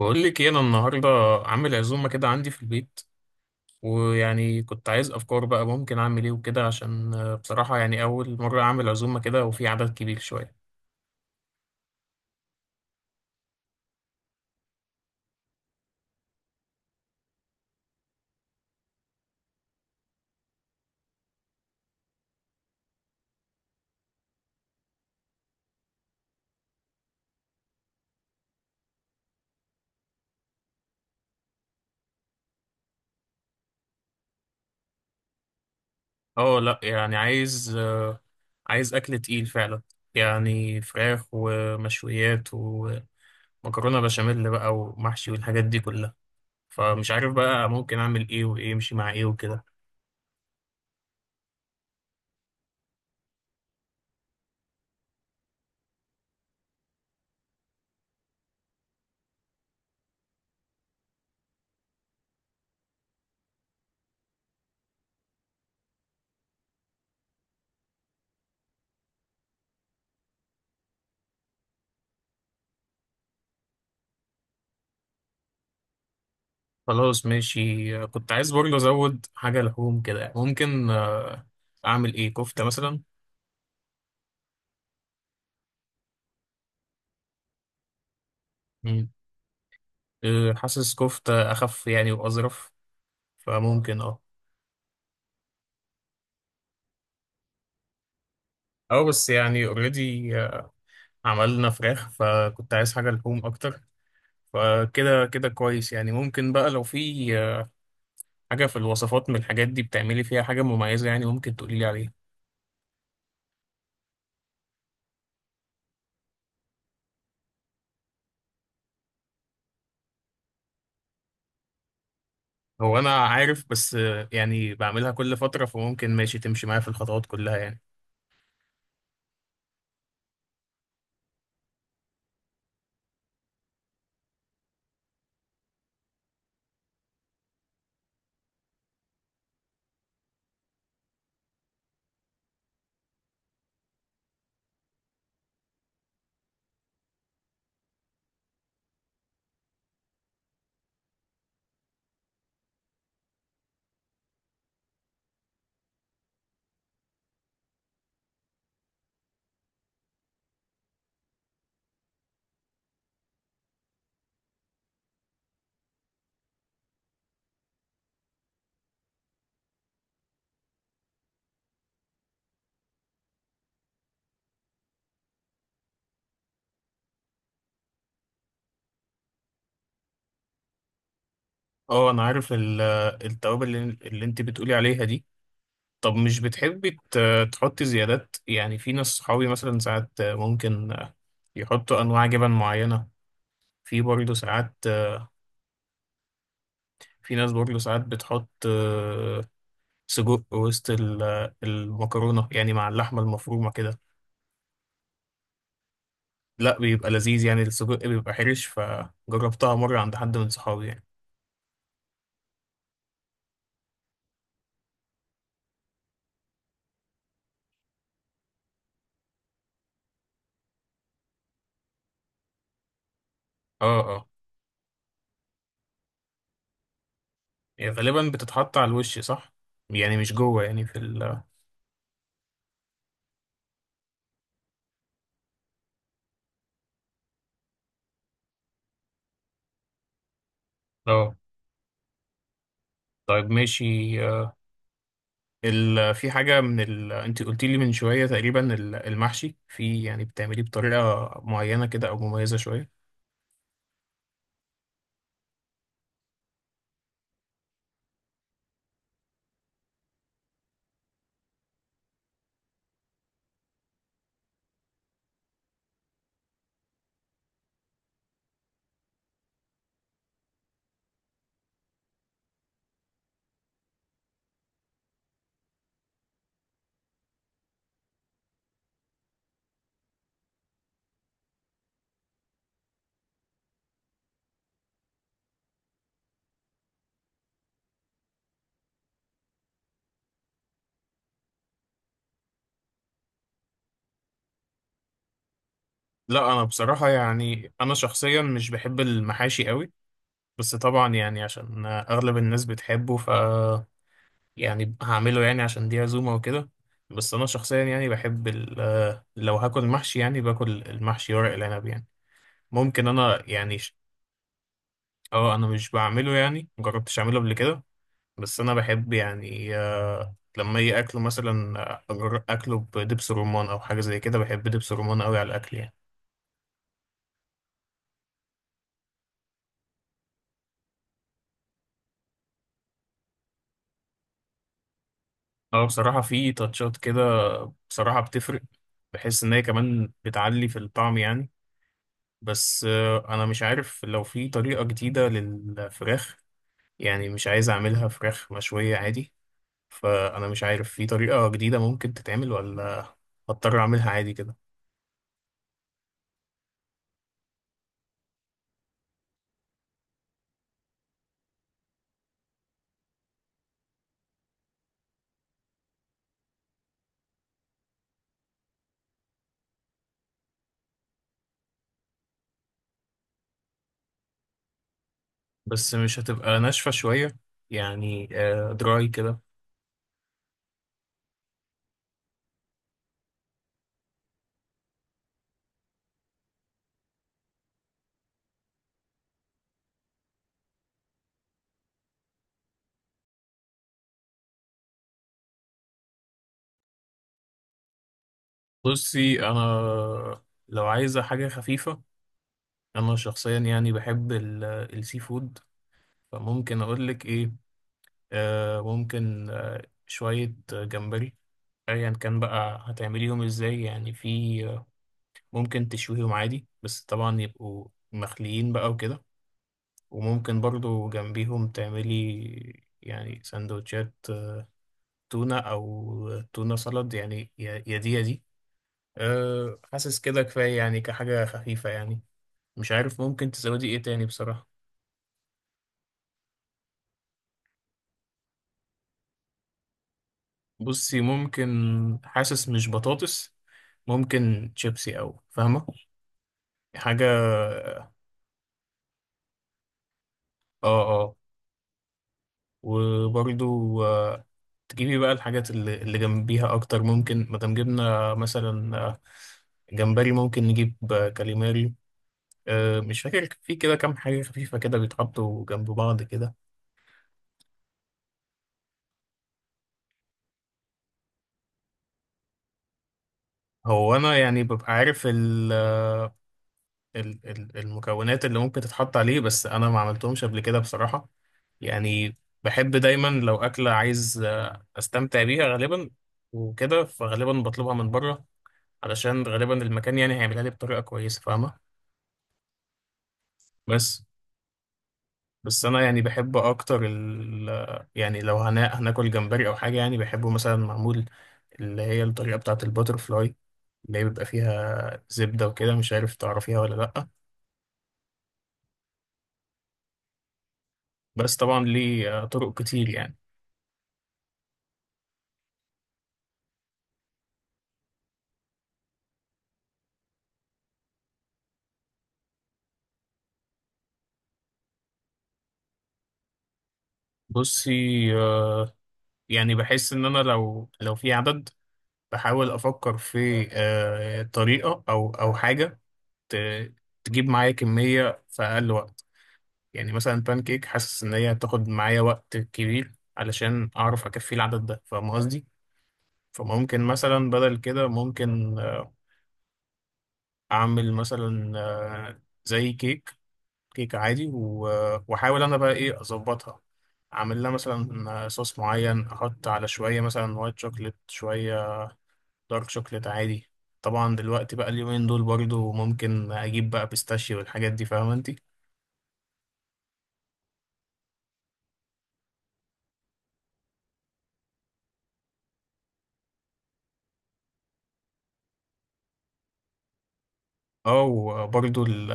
بقول لك ايه انا النهارده عامل عزومه كده عندي في البيت. ويعني كنت عايز افكار بقى ممكن اعمل ايه وكده، عشان بصراحه يعني اول مره اعمل عزومه كده وفي عدد كبير شويه. اه لا، يعني عايز اكل تقيل فعلا، يعني فراخ ومشويات ومكرونه بشاميل بقى ومحشي والحاجات دي كلها. فمش عارف بقى ممكن اعمل ايه، وايه يمشي مع ايه وكده. خلاص ماشي، كنت عايز برضه ازود حاجه لحوم كده، ممكن اعمل ايه؟ كفته مثلا؟ حاسس كفتة أخف يعني وأظرف، فممكن أو، بس يعني اوريدي عملنا فراخ، فكنت عايز حاجة لحوم أكتر، فكده كده كويس يعني. ممكن بقى لو في حاجة في الوصفات من الحاجات دي بتعملي فيها حاجة مميزة يعني، ممكن تقولي لي عليها. هو أنا عارف، بس يعني بعملها كل فترة، فممكن ماشي، تمشي معايا في الخطوات كلها يعني. اه، أنا عارف التوابل اللي انت بتقولي عليها دي. طب مش بتحبي تحطي زيادات؟ يعني في ناس صحابي مثلا ساعات ممكن يحطوا أنواع جبن معينة. في برضه ساعات، في ناس برضه ساعات بتحط سجق وسط المكرونة، يعني مع اللحمة المفرومة كده. لا، بيبقى لذيذ يعني، السجق بيبقى حرش، فجربتها مرة عند حد من صحابي يعني. اه اه. يعني غالبا بتتحط على الوش صح، يعني مش جوه يعني في ال. اه، طيب ماشي. آه. في حاجة من انت قلت لي من شوية تقريبا، المحشي، في يعني بتعمليه بطريقة معينة كده او مميزة شوية؟ لا انا بصراحة يعني، انا شخصيا مش بحب المحاشي قوي، بس طبعا يعني عشان اغلب الناس بتحبه، ف يعني هعمله يعني، عشان دي عزومة وكده. بس انا شخصيا يعني بحب لو هاكل محشي يعني، باكل المحشي ورق العنب يعني. ممكن انا يعني اه، انا مش بعمله يعني، مجربتش اعمله قبل كده، بس انا بحب يعني لما اجي اكله مثلا، اكله بدبس رمان او حاجه زي كده، بحب دبس رمان قوي على الاكل يعني. اه، بصراحه في تاتشات كده، بصراحه بتفرق، بحس ان هي كمان بتعلي في الطعم يعني. بس انا مش عارف لو في طريقه جديده للفراخ، يعني مش عايز اعملها فراخ مشويه عادي، فانا مش عارف في طريقه جديده ممكن تتعمل، ولا هضطر اعملها عادي كده. بس مش هتبقى ناشفه شويه يعني، دراي كده؟ بصي انا، لو عايزه حاجه خفيفه، انا شخصيا يعني بحب السي فود، فممكن اقول لك ايه. ممكن شويه جمبري، ايا كان بقى هتعمليهم ازاي يعني. في ممكن تشويهم عادي، بس طبعا يبقوا مخليين بقى وكده، وممكن برضو جنبيهم تعملي يعني سندوتشات تونه، او تونه سلad يعني، يا دي يا دي. أه، حاسس كده كفايه يعني، كحاجه خفيفه يعني. مش عارف ممكن تزودي ايه تاني بصراحة. بصي ممكن، حاسس مش بطاطس، ممكن شيبسي او فاهمة، حاجة اه، وبرضو تجيبي بقى الحاجات اللي جنبيها اكتر ممكن، مادام جبنا مثلا جمبري، ممكن نجيب كاليماري، مش فاكر في كده كام حاجة خفيفة كده بيتحطوا جنب بعض كده. هو انا يعني ببقى عارف المكونات اللي ممكن تتحط عليه، بس انا ما عملتهمش قبل كده بصراحة يعني. بحب دايما لو أكلة عايز أستمتع بيها غالبا وكده، فغالبا بطلبها من بره، علشان غالبا المكان يعني هيعملها لي بطريقة كويسة فاهمة. بس أنا يعني بحب أكتر ال، يعني لو هنا هناكل جمبري أو حاجة، يعني بحبه مثلا معمول، اللي هي الطريقة بتاعة الباتر فلاي، اللي هي بيبقى فيها زبدة وكده، مش عارف تعرفيها ولا لأ، بس طبعا ليه طرق كتير يعني. بصي، آه، يعني بحس إن أنا لو في عدد، بحاول افكر في طريقه او حاجه ت- تجيب معايا كميه في اقل وقت. يعني مثلا بانكيك، حاسس ان هي هتاخد معايا وقت كبير علشان اعرف اكفي العدد ده، فاهم قصدي؟ فممكن مثلا بدل كده، ممكن اعمل مثلا زي كيك عادي، واحاول انا بقى ايه اظبطها. اعمل لها مثلا صوص معين، احط على شويه مثلا وايت شوكليت، شويه دارك شوكليت عادي. طبعا دلوقتي بقى اليومين دول برضو، ممكن اجيب بقى بيستاشيو والحاجات دي، فاهمه انت. اه، وبرضو ال،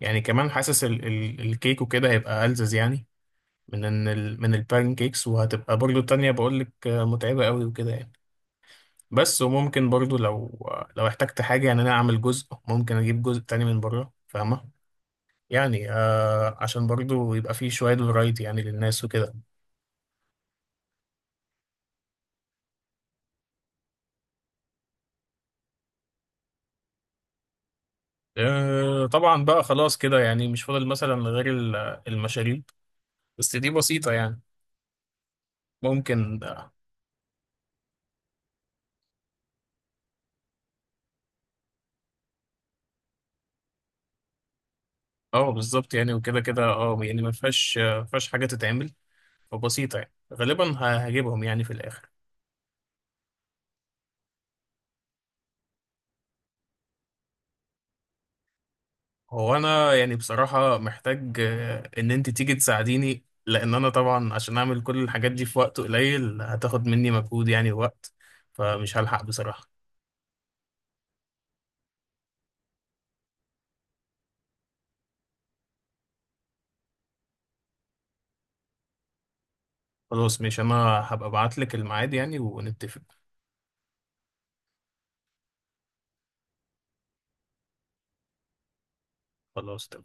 يعني كمان حاسس ال ال الكيك وكده هيبقى ألذذ يعني، من ان من البان كيكس، وهتبقى برضو التانية بقول لك متعبة قوي وكده يعني. بس وممكن برضو لو احتجت حاجة يعني، انا اعمل جزء، ممكن اجيب جزء تاني من بره فاهمة، يعني عشان برضو يبقى فيه شوية فرايتي يعني للناس وكده. طبعا بقى خلاص كده يعني، مش فاضل مثلا غير المشاريب، بس دي بسيطة يعني. ممكن بالظبط يعني، وكده كده يعني، ما فيهاش ما فيهاش حاجة تتعمل، فبسيطة يعني غالبا هجيبهم يعني في الآخر. هو أنا يعني بصراحة محتاج إن أنت تيجي تساعديني، لأن أنا طبعا، عشان أعمل كل الحاجات دي في وقت قليل، هتاخد مني مجهود يعني ووقت، فمش هلحق بصراحة. خلاص ماشي، أنا هبقى أبعتلك الميعاد يعني ونتفق. خلاص تمام.